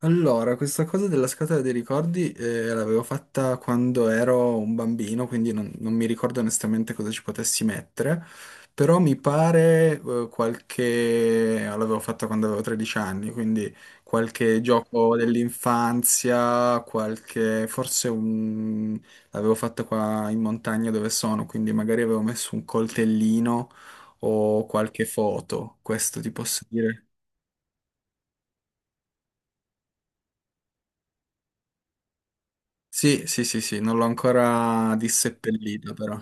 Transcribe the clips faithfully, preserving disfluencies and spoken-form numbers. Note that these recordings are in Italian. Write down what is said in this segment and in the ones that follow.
Allora, questa cosa della scatola dei ricordi eh, l'avevo fatta quando ero un bambino, quindi non, non mi ricordo onestamente cosa ci potessi mettere, però mi pare eh, qualche... l'avevo fatta quando avevo tredici anni, quindi qualche gioco dell'infanzia, qualche... forse un... l'avevo fatta qua in montagna dove sono, quindi magari avevo messo un coltellino o qualche foto, questo ti posso dire. Sì, sì, sì, sì, non l'ho ancora disseppellita però.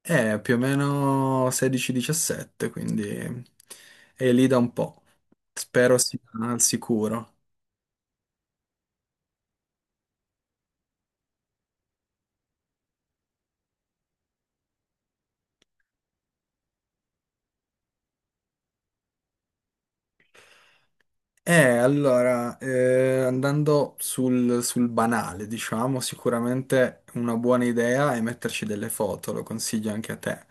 È più o meno sedici diciassette, quindi è lì da un po'. Spero sia al sicuro. Eh, allora, eh, andando sul, sul banale, diciamo, sicuramente una buona idea è metterci delle foto, lo consiglio anche a te.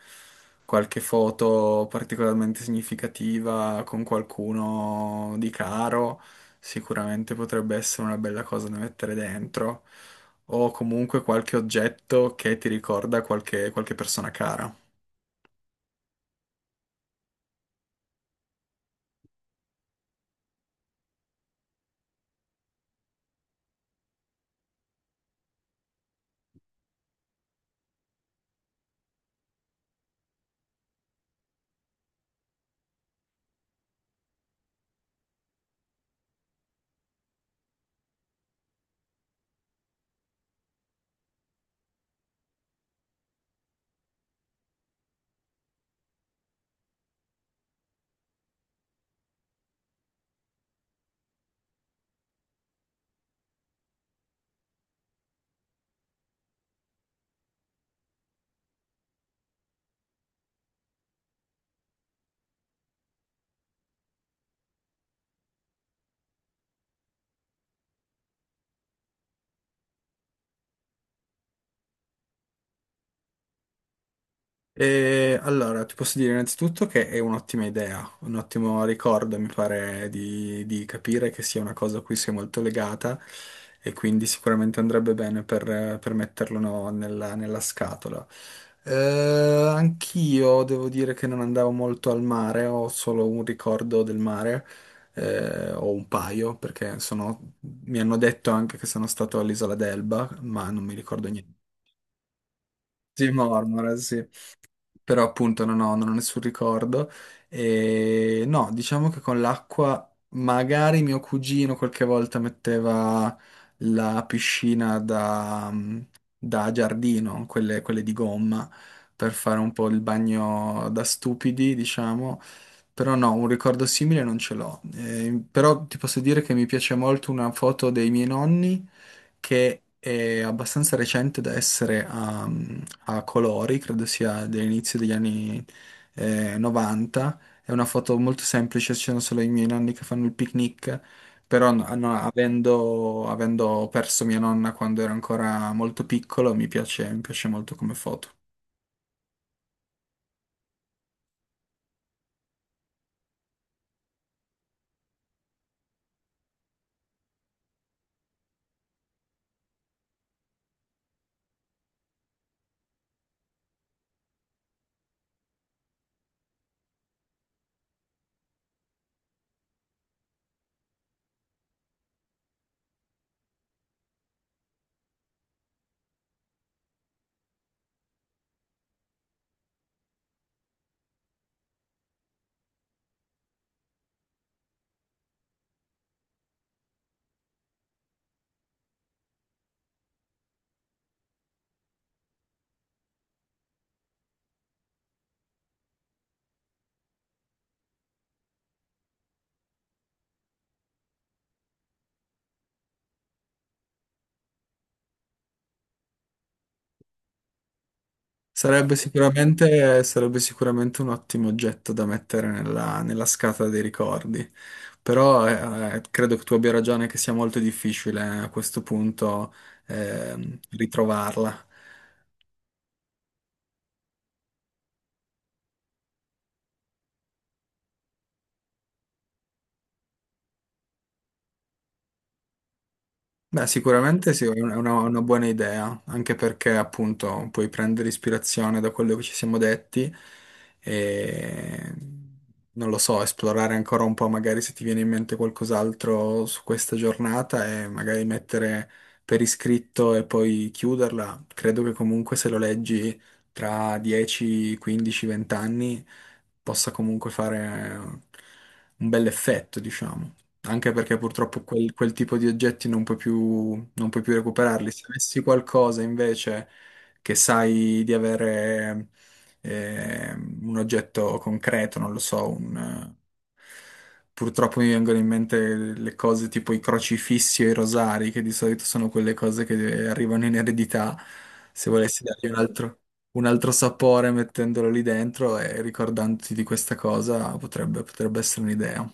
Qualche foto particolarmente significativa con qualcuno di caro, sicuramente potrebbe essere una bella cosa da mettere dentro, o comunque qualche oggetto che ti ricorda qualche, qualche persona cara. E allora, ti posso dire innanzitutto che è un'ottima idea, un ottimo ricordo, mi pare di, di capire che sia una cosa a cui sei molto legata e quindi sicuramente andrebbe bene per, per metterlo no, nella, nella scatola. Eh, anch'io devo dire che non andavo molto al mare, ho solo un ricordo del mare, eh, o un paio, perché sono- mi hanno detto anche che sono stato all'Isola d'Elba, ma non mi ricordo niente. Sì, mormora, però appunto non ho, non ho nessun ricordo. E no, diciamo che con l'acqua magari mio cugino qualche volta metteva la piscina da, mm, da giardino, quelle, quelle di gomma, per fare un po' il bagno da stupidi, diciamo. Però no, un ricordo simile non ce l'ho. Eh, però ti posso dire che mi piace molto una foto dei miei nonni che è abbastanza recente da essere a, a colori, credo sia dell'inizio degli anni eh, novanta. È una foto molto semplice, ci sono solo i miei nonni che fanno il picnic, però no- no, avendo, avendo perso mia nonna quando ero ancora molto piccolo, mi piace, mi piace molto come foto. Sarebbe sicuramente, sarebbe sicuramente un ottimo oggetto da mettere nella, nella scatola dei ricordi, però eh, eh, credo che tu abbia ragione che sia molto difficile eh, a questo punto ehm, ritrovarla. Beh, sicuramente sì, è una, una- una buona idea, anche perché appunto puoi prendere ispirazione da quello che ci siamo detti e non lo so, esplorare ancora un po', magari se ti viene in mente qualcos'altro su questa giornata e magari mettere per iscritto e poi chiuderla. Credo che comunque se lo leggi tra dieci, quindici, venti anni possa comunque fare un bell'effetto, diciamo, anche perché purtroppo quel, quel tipo di oggetti non puoi più, non puoi più recuperarli. Se avessi qualcosa invece che sai di avere eh, un oggetto concreto, non lo so, un, eh, purtroppo mi vengono in mente le cose tipo i crocifissi o i rosari, che di solito sono quelle cose che arrivano in eredità. Se volessi dargli un altro, un altro sapore mettendolo lì dentro e ricordandoti di questa cosa, potrebbe, potrebbe essere un'idea.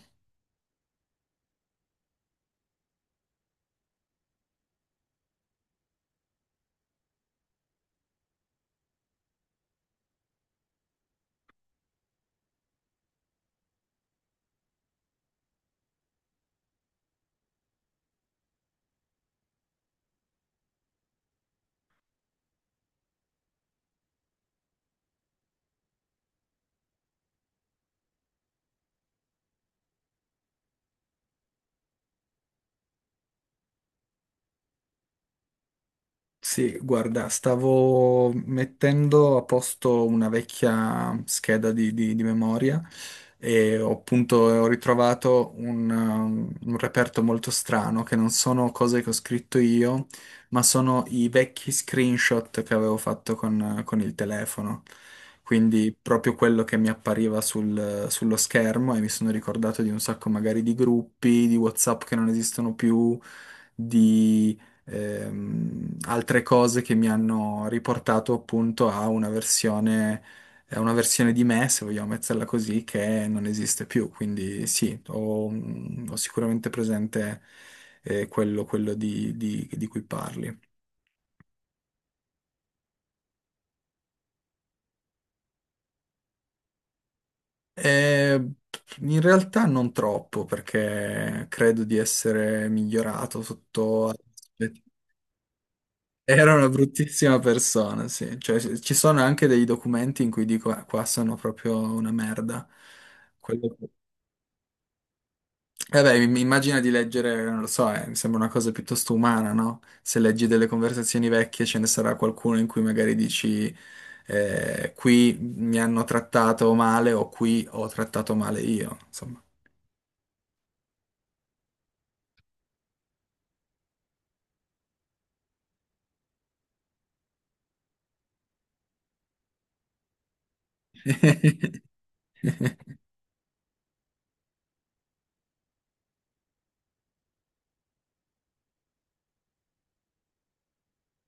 Sì, guarda, stavo mettendo a posto una vecchia scheda di, di- di memoria e ho appunto ho ritrovato un, um, un reperto molto strano, che non sono cose che ho scritto io, ma sono i vecchi screenshot che avevo fatto con, con il telefono. Quindi proprio quello che mi appariva sul- sullo schermo, e mi sono ricordato di un sacco magari di gruppi, di WhatsApp che non esistono più, ehm, altre cose che mi hanno riportato appunto a una versione, a una versione di me, se vogliamo metterla così, che non esiste più. Quindi sì, ho, ho sicuramente presente eh, quello, quello di, di- di cui parli. Eh, in realtà non troppo, perché credo di essere migliorato sotto... Era una bruttissima persona, sì. Cioè, ci ci sono anche dei documenti in cui dico: "Ah, qua sono proprio una merda." Quello... Eh beh, mi- immagina di leggere, non lo so, eh, mi sembra una cosa piuttosto umana, no? Se leggi delle conversazioni vecchie ce ne sarà qualcuno in cui magari dici, eh, qui mi hanno trattato male o qui ho trattato male io, insomma.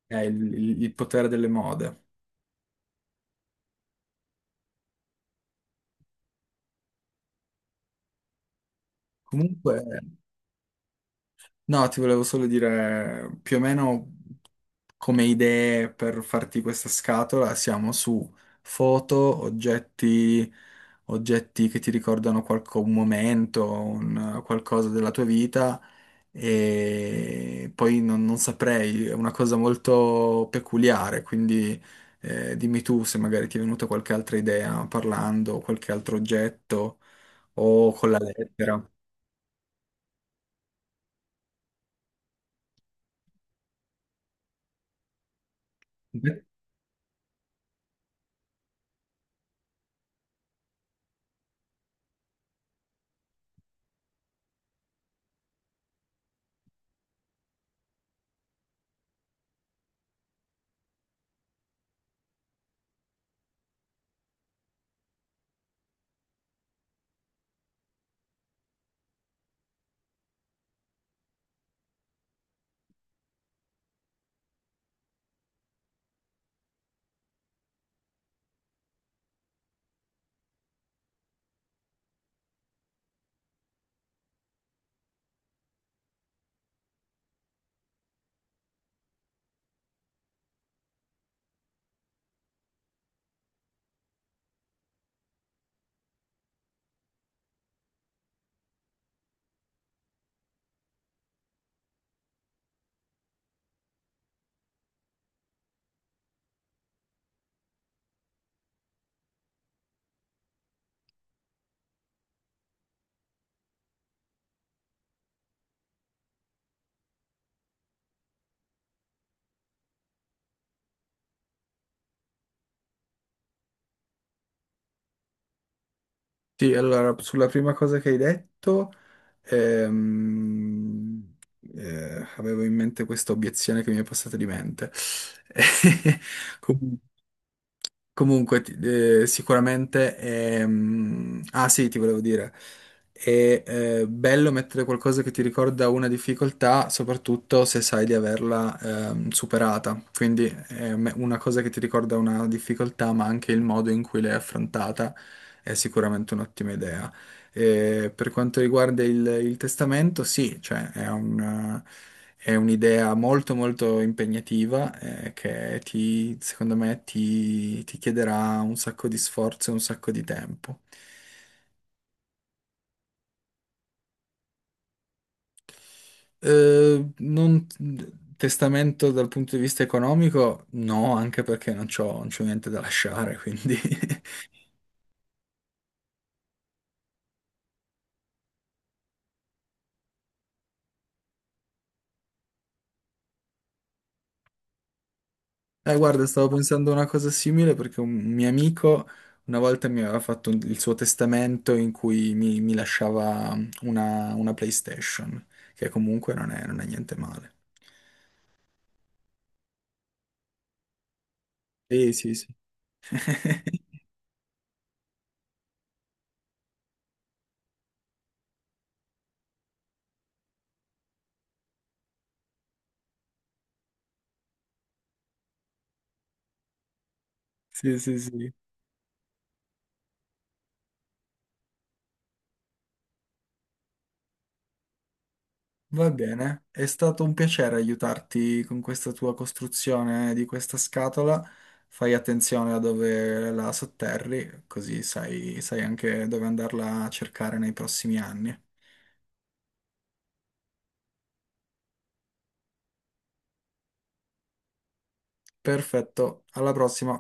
Eh, il, il- il potere delle mode. Comunque... no, ti volevo solo dire più o meno come idee per farti questa scatola, siamo su foto, oggetti, oggetti che ti ricordano qualco- un momento, un- qualcosa della tua vita, e poi non, non saprei, è una cosa molto peculiare, quindi eh, dimmi tu se magari ti è venuta qualche altra idea parlando, qualche altro oggetto o con la lettera. Sì, allora, sulla prima cosa che hai detto, ehm, eh, avevo in mente questa obiezione che mi è passata di mente. Com- Comunque, ti- eh, sicuramente, ehm, ah sì, ti volevo dire, è eh, bello mettere qualcosa che ti ricorda una difficoltà, soprattutto se sai di averla ehm, superata. Quindi eh, me- una cosa che ti ricorda una difficoltà, ma anche il modo in cui l'hai affrontata è sicuramente un'ottima idea. E per quanto riguarda il, il testamento, sì, cioè è un, è un'idea molto molto impegnativa eh, che ti, secondo me ti, ti chiederà un sacco di sforzo e un sacco di tempo. Eh, non, testamento dal punto di vista economico, no, anche perché non c'ho, non c'ho niente da lasciare, quindi. Eh, guarda, stavo pensando a una cosa simile perché un mio amico una volta mi aveva fatto un- il suo testamento in cui mi, mi lasciava mm, una, una PlayStation, che comunque non è, non è niente male. Sì, sì, sì. Sì, sì, sì. Va bene, è stato un piacere aiutarti con questa tua costruzione di questa scatola. Fai attenzione a dove la sotterri, così sai sai anche dove andarla a cercare nei prossimi anni. Perfetto, alla prossima.